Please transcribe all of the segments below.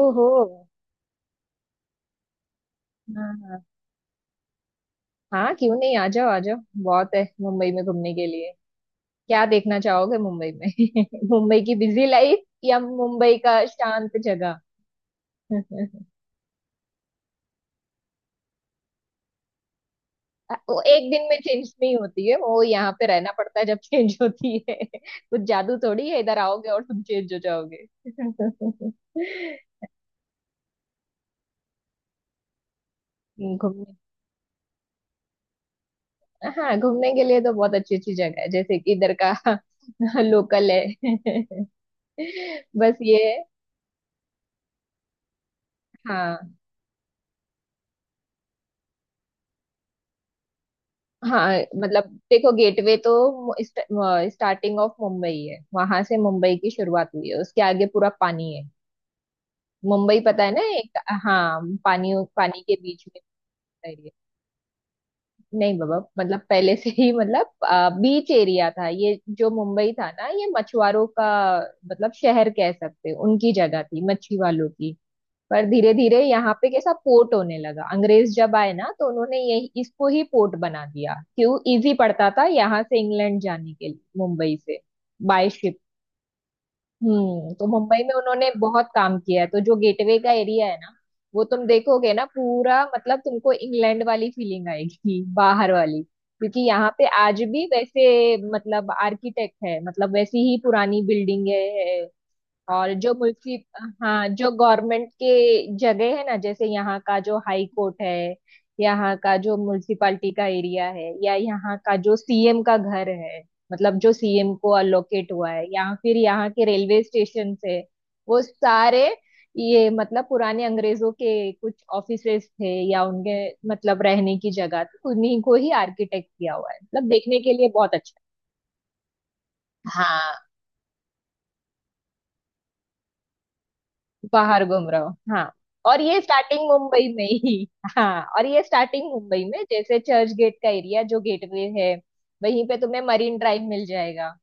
ओहो। हाँ हाँ, हाँ क्यों नहीं, आ जाओ आ जाओ। बहुत है मुंबई में घूमने के लिए। क्या देखना चाहोगे मुंबई में? मुंबई की बिजी लाइफ या मुंबई का शांत जगह? वो एक दिन में चेंज नहीं होती है, वो यहाँ पे रहना पड़ता है जब चेंज होती है। कुछ जादू थोड़ी है, इधर आओगे और तुम चेंज हो जाओगे। घूमने हाँ, घूमने के लिए तो बहुत अच्छी अच्छी जगह है, जैसे कि इधर का। लोकल है। बस ये है, हाँ हाँ। मतलब देखो, गेटवे तो स्टार्टिंग ऑफ मुंबई है, वहां से मुंबई की शुरुआत हुई है, उसके आगे पूरा पानी है। मुंबई पता है ना, एक। हाँ, पानी, पानी के बीच में एरिया। नहीं बाबा, मतलब पहले से ही, मतलब बीच एरिया था ये जो मुंबई था ना, ये मछुआरों का, मतलब शहर कह सकते हो, उनकी जगह थी मच्छी वालों की। पर धीरे धीरे यहाँ पे कैसा पोर्ट होने लगा, अंग्रेज जब आए ना तो उन्होंने यही इसको ही पोर्ट बना दिया, क्यों, इजी पड़ता था यहाँ से इंग्लैंड जाने के लिए मुंबई से बाय शिप। हम्म, तो मुंबई में उन्होंने बहुत काम किया है, तो जो गेटवे का एरिया है ना, वो तुम देखोगे ना, पूरा मतलब तुमको इंग्लैंड वाली फीलिंग आएगी। बाहर वाली, क्योंकि यहाँ पे आज भी वैसे मतलब आर्किटेक्ट है, मतलब वैसी ही पुरानी बिल्डिंग है। और जो मुल्की हाँ, जो गवर्नमेंट के जगह है ना, जैसे यहाँ का जो हाई कोर्ट है, यहाँ का जो म्युनिसिपालिटी का एरिया है, या यहाँ का जो सीएम का घर है, मतलब जो सीएम को अलोकेट हुआ है, या फिर यहाँ के रेलवे स्टेशन है। वो सारे, ये मतलब पुराने अंग्रेजों के कुछ ऑफिसेस थे, या उनके मतलब रहने की जगह थी, उन्हीं को ही आर्किटेक्ट किया हुआ है, मतलब देखने के लिए बहुत अच्छा है। हाँ, बाहर घूम रहा हो। हाँ। और ये स्टार्टिंग मुंबई में ही हाँ, और ये स्टार्टिंग मुंबई में, जैसे चर्च गेट का एरिया, जो गेटवे है, वहीं पे तुम्हें मरीन ड्राइव मिल जाएगा।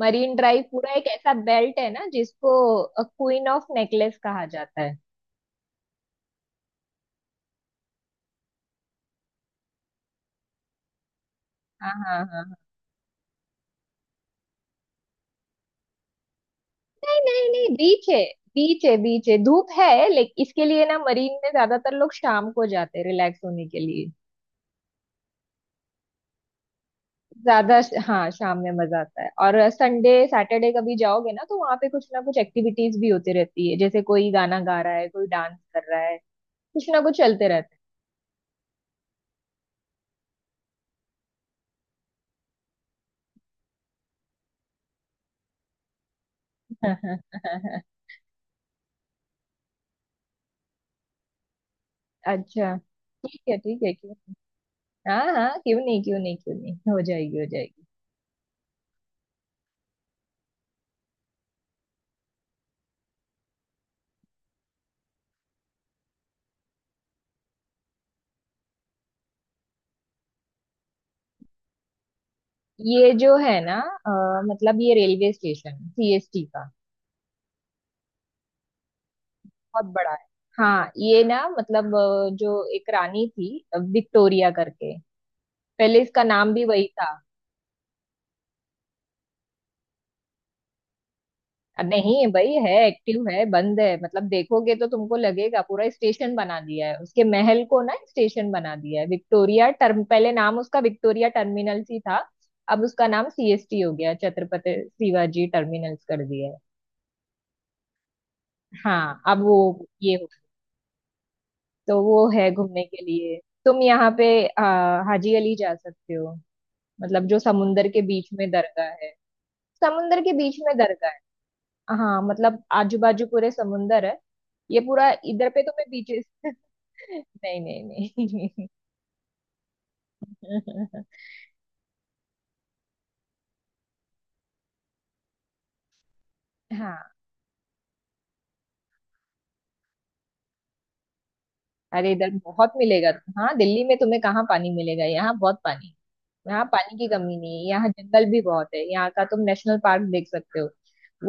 मरीन ड्राइव पूरा एक ऐसा बेल्ट है ना, जिसको क्वीन ऑफ नेकलेस कहा जाता है। हाँ हाँ हाँ हाँ। नहीं नहीं नहीं, बीच है, बीच है, बीच है, धूप है, लेकिन इसके लिए ना मरीन में ज्यादातर लोग शाम को जाते हैं रिलैक्स होने के लिए। हाँ, शाम में मजा आता है, और संडे सैटरडे कभी जाओगे ना तो वहाँ पे कुछ ना कुछ एक्टिविटीज भी होती रहती है, जैसे कोई गाना गा रहा है, कोई डांस कर रहा है, कुछ ना कुछ चलते रहते हैं। अच्छा। ठीक है, ठीक है, क्यों नहीं? हाँ हाँ, क्यों नहीं, क्यों नहीं, क्यों नहीं, हो जाएगी, हो जाएगी। ये जो है ना, मतलब ये रेलवे स्टेशन सीएसटी का बहुत बड़ा है। हाँ, ये ना, मतलब जो एक रानी थी, विक्टोरिया करके, पहले इसका नाम भी वही था। अब नहीं भाई, है, एक्टिव है, बंद है मतलब, देखोगे तो तुमको लगेगा पूरा स्टेशन बना दिया है, उसके महल को ना स्टेशन बना दिया है, विक्टोरिया टर्म, पहले नाम उसका विक्टोरिया टर्मिनल ही था, अब उसका नाम सीएसटी हो गया, छत्रपति शिवाजी टर्मिनल्स कर दिया है। हाँ, अब वो ये हो, तो वो है घूमने के लिए। तुम यहाँ पे हाजी अली जा सकते हो, मतलब जो समुन्दर के बीच में दरगाह है। समुन्दर के बीच में दरगाह है। हाँ, मतलब आजू बाजू पूरे समुंदर है। ये पूरा इधर पे तो मैं बीचेस। नहीं नहीं नहीं। हाँ, अरे इधर बहुत मिलेगा। हाँ, दिल्ली में तुम्हें कहाँ पानी मिलेगा, यहाँ बहुत पानी है। यहाँ पानी की कमी नहीं है, यहाँ जंगल भी बहुत है, यहाँ का तुम नेशनल पार्क देख सकते हो।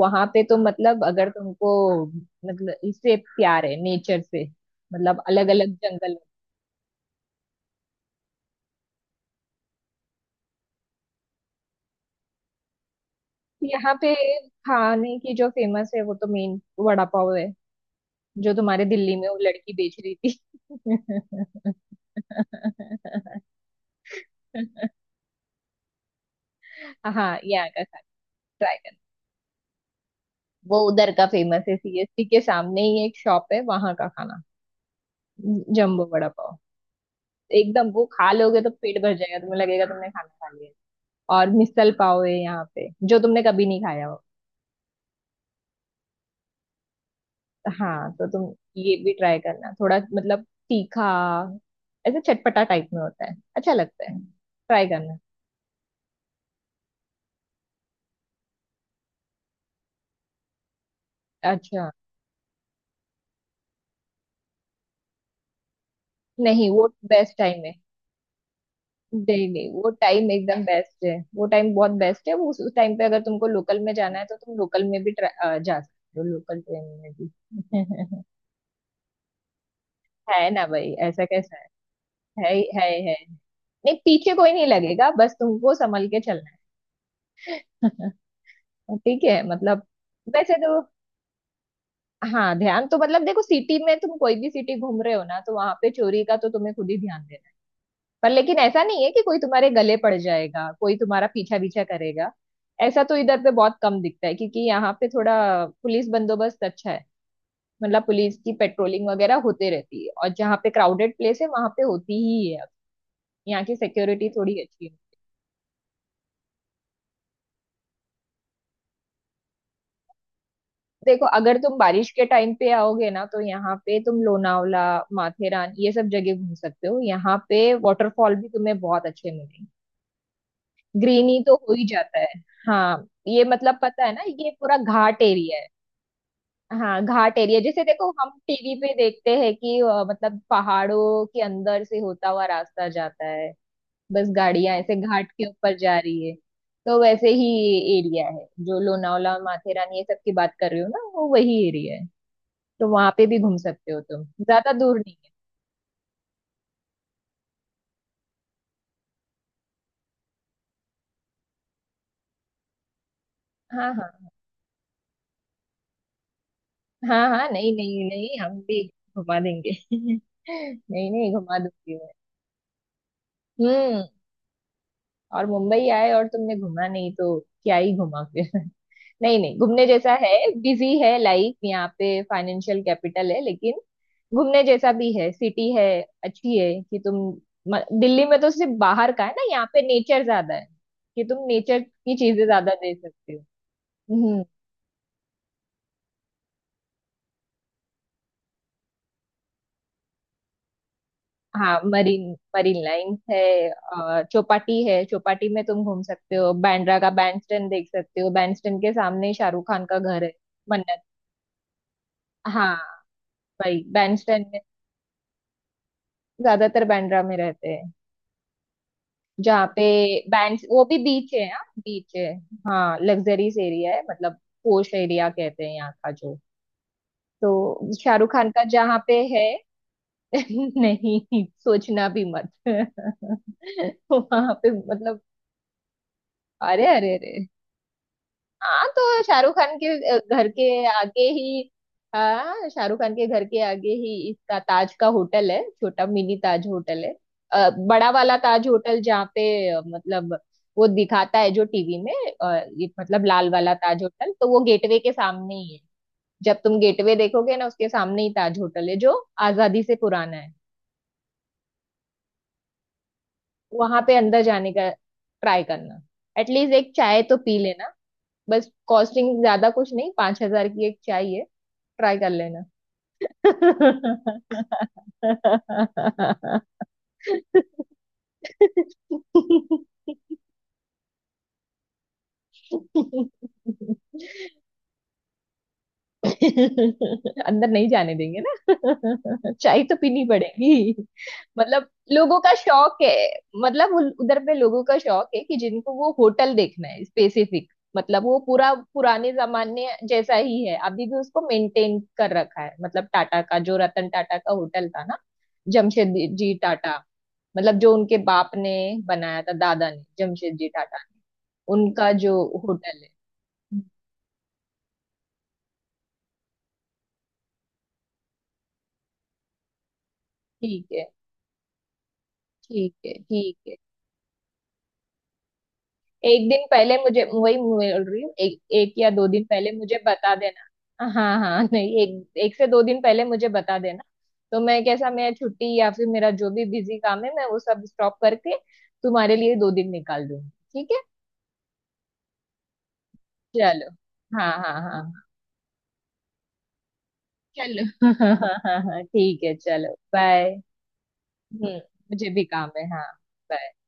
वहां पे तो मतलब, अगर तुमको, मतलब इससे प्यार है नेचर से, मतलब अलग अलग जंगल। यहाँ पे खाने की जो फेमस है, वो तो मेन वड़ा पाव है, जो तुम्हारे दिल्ली में वो लड़की बेच रही थी। हाँ, यहाँ का खाना ट्राई करना। वो उधर का फेमस है, सीएसटी के सामने ही एक शॉप है, वहां का खाना, जम्बो वड़ा पाव। एकदम, वो खा लोगे तो पेट भर जाएगा, तुम्हें लगेगा तुमने खाना खा लिया है। और मिसल पाव है यहाँ पे, जो तुमने कभी नहीं खाया हो। हाँ तो तुम ये भी ट्राई करना, थोड़ा मतलब तीखा, ऐसे चटपटा टाइप में होता है, अच्छा लगता है, ट्राई करना। अच्छा। नहीं, वो बेस्ट टाइम है। नहीं नहीं, वो टाइम एकदम बेस्ट है, वो टाइम बहुत बेस्ट है, वो उस टाइम पे अगर तुमको लोकल में जाना है तो तुम लोकल में भी जा सकते हो, लोकल ट्रेन में भी। है ना भाई, ऐसा कैसा है? है। नहीं, पीछे कोई नहीं लगेगा, बस तुमको संभल के चलना है। ठीक है, मतलब वैसे तो। हाँ, ध्यान तो मतलब देखो, सिटी में तुम कोई भी सिटी घूम रहे हो ना, तो वहां पे चोरी का तो तुम्हें खुद ही ध्यान देना है। पर लेकिन ऐसा नहीं है कि कोई तुम्हारे गले पड़ जाएगा, कोई तुम्हारा पीछा पीछा करेगा। ऐसा तो इधर पे बहुत कम दिखता है, क्योंकि यहाँ पे थोड़ा पुलिस बंदोबस्त अच्छा है, मतलब पुलिस की पेट्रोलिंग वगैरह होते रहती है, और जहाँ पे क्राउडेड प्लेस है वहां पे होती ही है। यहाँ की सिक्योरिटी थोड़ी अच्छी है। देखो, अगर तुम बारिश के टाइम पे आओगे ना, तो यहाँ पे तुम लोनावला, माथेरान, ये सब जगह घूम सकते हो, यहाँ पे वाटरफॉल भी तुम्हें बहुत अच्छे मिलेंगे, ग्रीनरी तो हो ही जाता है। हाँ, ये मतलब पता है ना, ये पूरा घाट एरिया है। हाँ, घाट एरिया, जैसे देखो हम टीवी पे देखते हैं कि मतलब पहाड़ों के अंदर से होता हुआ रास्ता जाता है, बस गाड़ियां ऐसे घाट के ऊपर जा रही है, तो वैसे ही एरिया है, जो लोनावला माथेरान ये सब की बात कर रही हो ना, वो वही एरिया है, तो वहां पे भी घूम सकते हो तुम, ज्यादा दूर नहीं है। हाँ हाँ हाँ हाँ। नहीं नहीं नहीं, हम भी घुमा देंगे। नहीं नहीं, घुमा दूंगी मैं। हम्म। और मुंबई आए और तुमने घुमा नहीं तो क्या ही घुमा फिर। नहीं नहीं, घूमने जैसा है। बिजी है लाइफ यहाँ पे, फाइनेंशियल कैपिटल है, लेकिन घूमने जैसा भी है, सिटी है अच्छी, है कि तुम। दिल्ली में तो सिर्फ बाहर का है ना, यहाँ पे नेचर ज्यादा है, कि तुम नेचर की चीजें ज्यादा दे सकते हो। हम्म। हाँ, मरीन मरीन लाइन है, और चौपाटी है, चौपाटी में तुम घूम सकते हो, बांद्रा का बैंडस्टैंड देख सकते हो, बैंडस्टैंड के सामने शाहरुख खान का घर है। मन्नत। हाँ भाई, बैंडस्टैंड में ज्यादातर बांद्रा में रहते हैं, जहाँ पे बैंड वो भी बीच है, हाँ बीच है। हाँ, लग्जरीज एरिया है, मतलब पोश एरिया कहते हैं यहाँ का, जो तो शाहरुख खान का जहाँ पे है। नहीं, सोचना भी मत। वहां पे मतलब, अरे अरे अरे। हाँ, तो शाहरुख खान के घर के आगे ही, हाँ शाहरुख खान के घर के आगे ही इसका ताज का होटल है, छोटा मिनी ताज होटल है। बड़ा वाला ताज होटल, जहाँ पे मतलब वो दिखाता है जो टीवी में, ये मतलब लाल वाला ताज होटल, तो वो गेटवे के सामने ही है। जब तुम गेटवे देखोगे ना, उसके सामने ही ताज होटल है, जो आजादी से पुराना है। वहां पे अंदर जाने का ट्राई करना, एटलीस्ट एक चाय तो पी लेना। बस कॉस्टिंग ज्यादा कुछ नहीं, 5,000 की एक चाय है, ट्राई कर लेना। अंदर नहीं जाने देंगे ना, चाय तो पीनी पड़ेगी। मतलब लोगों का शौक है, मतलब उधर पे लोगों का शौक है कि जिनको वो होटल देखना है स्पेसिफिक, मतलब वो पूरा पुराने जमाने जैसा ही है, अभी भी उसको मेंटेन कर रखा है, मतलब टाटा का, जो रतन टाटा का होटल था ना, जमशेदजी टाटा, मतलब जो उनके बाप ने बनाया था, दादा ने, जमशेद जी टाटा ने, उनका जो होटल है। ठीक है, ठीक है, ठीक है। एक दिन पहले मुझे वही बोल रही हूँ, एक या दो दिन पहले मुझे बता देना, हाँ हाँ। नहीं, एक एक से दो दिन पहले मुझे बता देना, तो मैं कैसा, मेरा छुट्टी या फिर मेरा जो भी बिजी काम है मैं वो सब स्टॉप करके तुम्हारे लिए 2 दिन निकाल दूंगी। ठीक है। चलो, हाँ हाँ हाँ। चलो, हाँ हाँ हाँ हाँ, ठीक है, चलो, बाय। हम्म। मुझे भी काम है। हाँ, बाय।